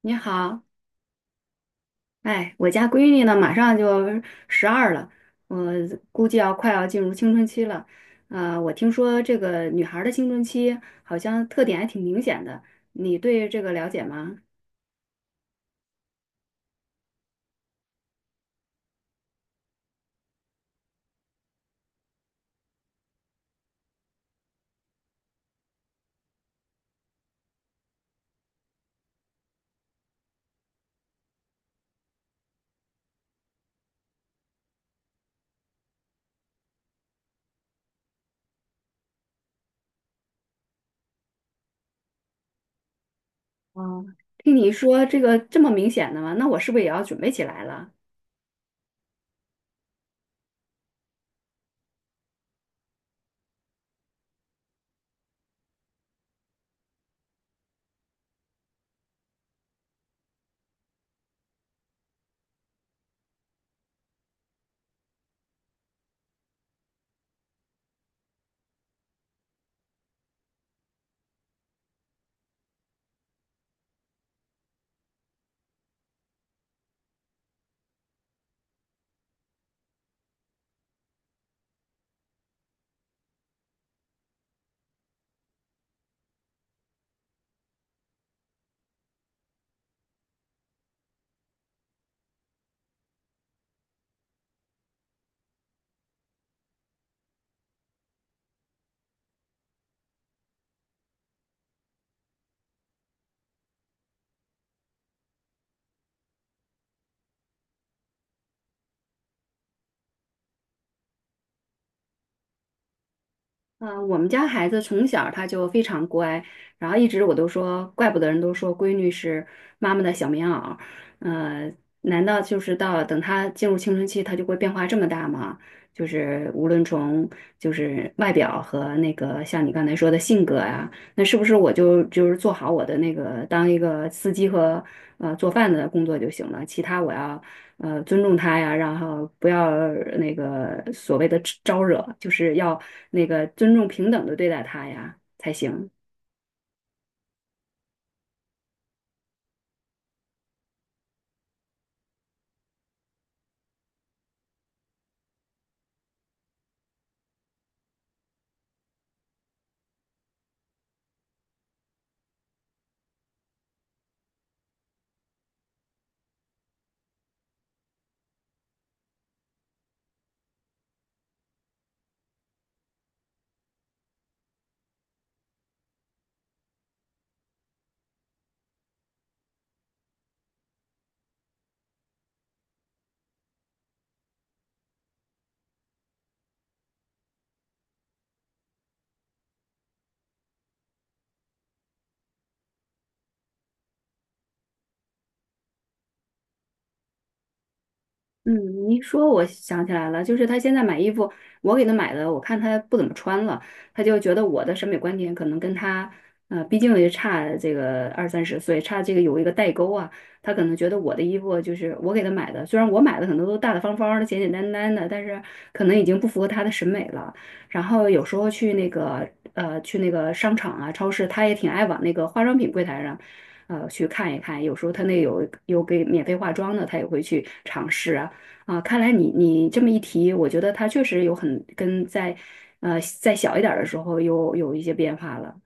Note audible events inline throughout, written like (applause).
你好，哎，我家闺女呢，马上就12了，我估计快要进入青春期了。我听说这个女孩儿的青春期好像特点还挺明显的，你对这个了解吗？哦，听你说这个这么明显的吗？那我是不是也要准备起来了？嗯，我们家孩子从小他就非常乖，然后一直我都说，怪不得人都说闺女是妈妈的小棉袄。嗯，难道就是到等他进入青春期，他就会变化这么大吗？就是无论从外表和那个像你刚才说的性格啊，那是不是我就做好我的那个当一个司机和做饭的工作就行了？其他我要尊重他呀，然后不要那个所谓的招惹，就是要那个尊重平等的对待他呀才行。嗯，你说我想起来了，就是他现在买衣服，我给他买的，我看他不怎么穿了，他就觉得我的审美观点可能跟他，呃，毕竟也差这个20到30岁，差这个有一个代沟啊，他可能觉得我的衣服就是我给他买的，虽然我买的可能都大大方方的、简简单单的，但是可能已经不符合他的审美了。然后有时候去那个去那个商场啊、超市，他也挺爱往那个化妆品柜台上。呃，去看一看，有时候他那有给免费化妆的，他也会去尝试啊。啊，看来你这么一提，我觉得他确实有很跟在再小一点儿的时候有一些变化了。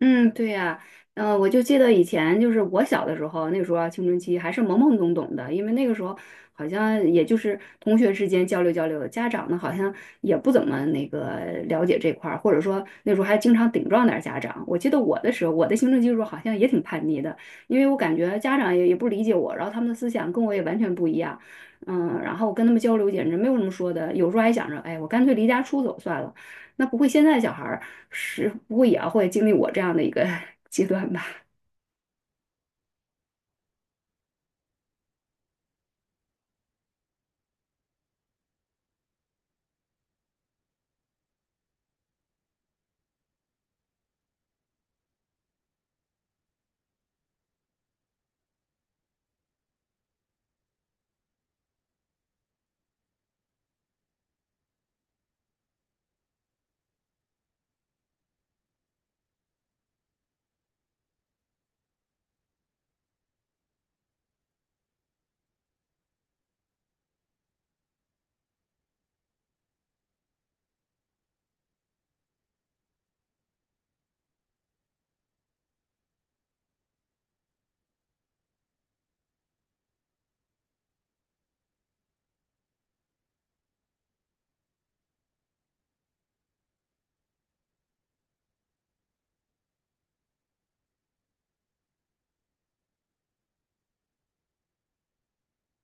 嗯，对呀，嗯、我就记得以前就是我小的时候，那个时候啊青春期还是懵懵懂懂的，因为那个时候好像也就是同学之间交流交流，家长呢好像也不怎么那个了解这块儿，或者说那时候还经常顶撞点儿家长。我记得我的时候，我的青春期的时候好像也挺叛逆的，因为我感觉家长也不理解我，然后他们的思想跟我也完全不一样，嗯，然后我跟他们交流简直没有什么说的，有时候还想着，哎，我干脆离家出走算了。那不会现在小孩儿是不会也要会经历我这样的一个 (laughs) 阶段吧？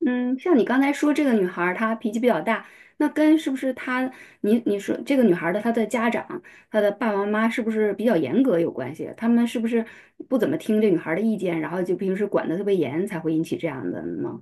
嗯，像你刚才说这个女孩儿她脾气比较大，那跟是不是她你说这个女孩儿的她的家长她的爸爸妈妈是不是比较严格有关系？他们是不是不怎么听这女孩儿的意见，然后就平时管得特别严，才会引起这样的呢？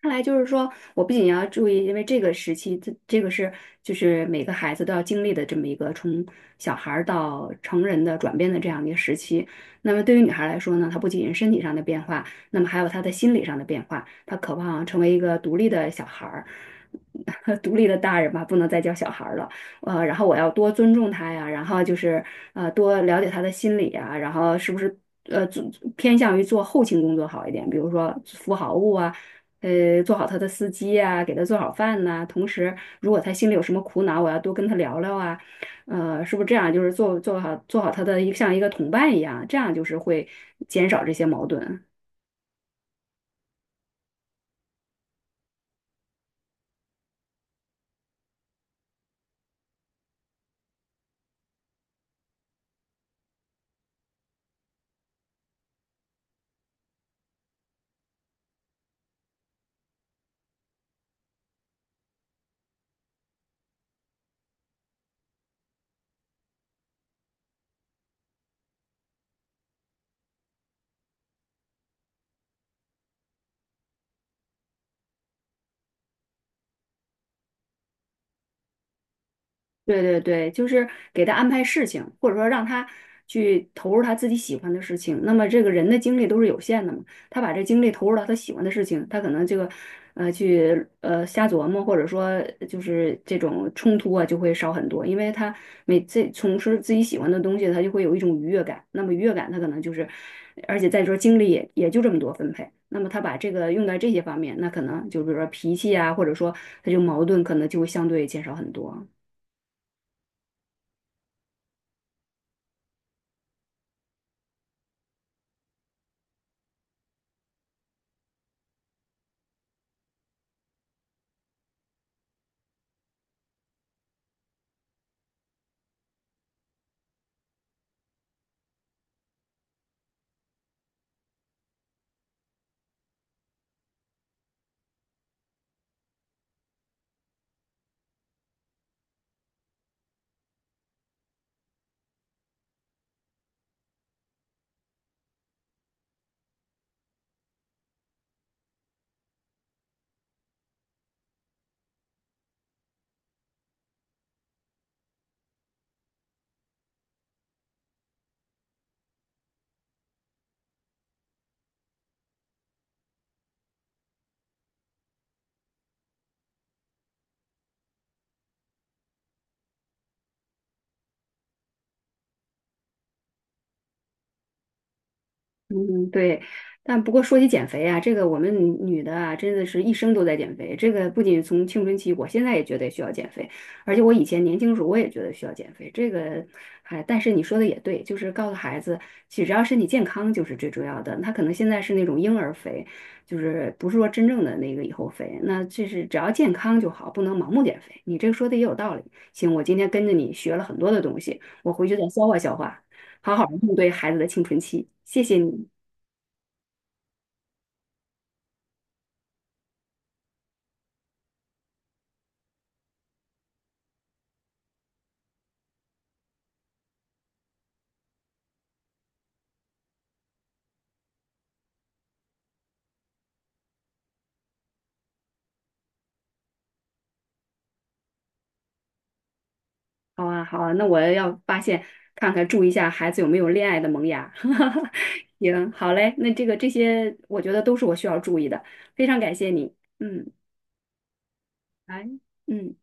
看来就是说，我不仅要注意，因为这个时期，这个是就是每个孩子都要经历的这么一个从小孩儿到成人的转变的这样的一个时期。那么对于女孩来说呢，她不仅是身体上的变化，那么还有她的心理上的变化，她渴望成为一个独立的小孩儿，(laughs) 独立的大人吧，不能再叫小孩儿了。呃，然后我要多尊重他呀，然后就是多了解他的心理啊，然后是不是做偏向于做后勤工作好一点，比如说服好务啊，做好他的司机啊，给他做好饭呐、同时，如果他心里有什么苦恼，我要多跟他聊聊啊，呃，是不是这样？就是做好他的一像一个同伴一样，这样就是会减少这些矛盾。对对对，就是给他安排事情，或者说让他去投入他自己喜欢的事情。那么这个人的精力都是有限的嘛，他把这精力投入到他喜欢的事情，他可能这个去瞎琢磨，或者说就是这种冲突啊就会少很多，因为他每次从事自己喜欢的东西，他就会有一种愉悦感。那么愉悦感，他可能就是，而且再说精力也就这么多分配。那么他把这个用在这些方面，那可能就比如说脾气啊，或者说他就矛盾，可能就会相对减少很多。嗯，对，但不过说起减肥啊，这个我们女的啊，真的是一生都在减肥。这个不仅从青春期，我现在也觉得需要减肥，而且我以前年轻时候我也觉得需要减肥。这个，哎，但是你说的也对，就是告诉孩子，其实只要身体健康就是最重要的。他可能现在是那种婴儿肥，就是不是说真正的那个以后肥，那这是只要健康就好，不能盲目减肥。你这个说的也有道理。行，我今天跟着你学了很多的东西，我回去再消化消化，好好的应对孩子的青春期。谢谢你。好啊，好啊，那我要发现看看，注意一下孩子有没有恋爱的萌芽。(laughs) 行，好嘞，那这个这些我觉得都是我需要注意的，非常感谢你。嗯来。嗯。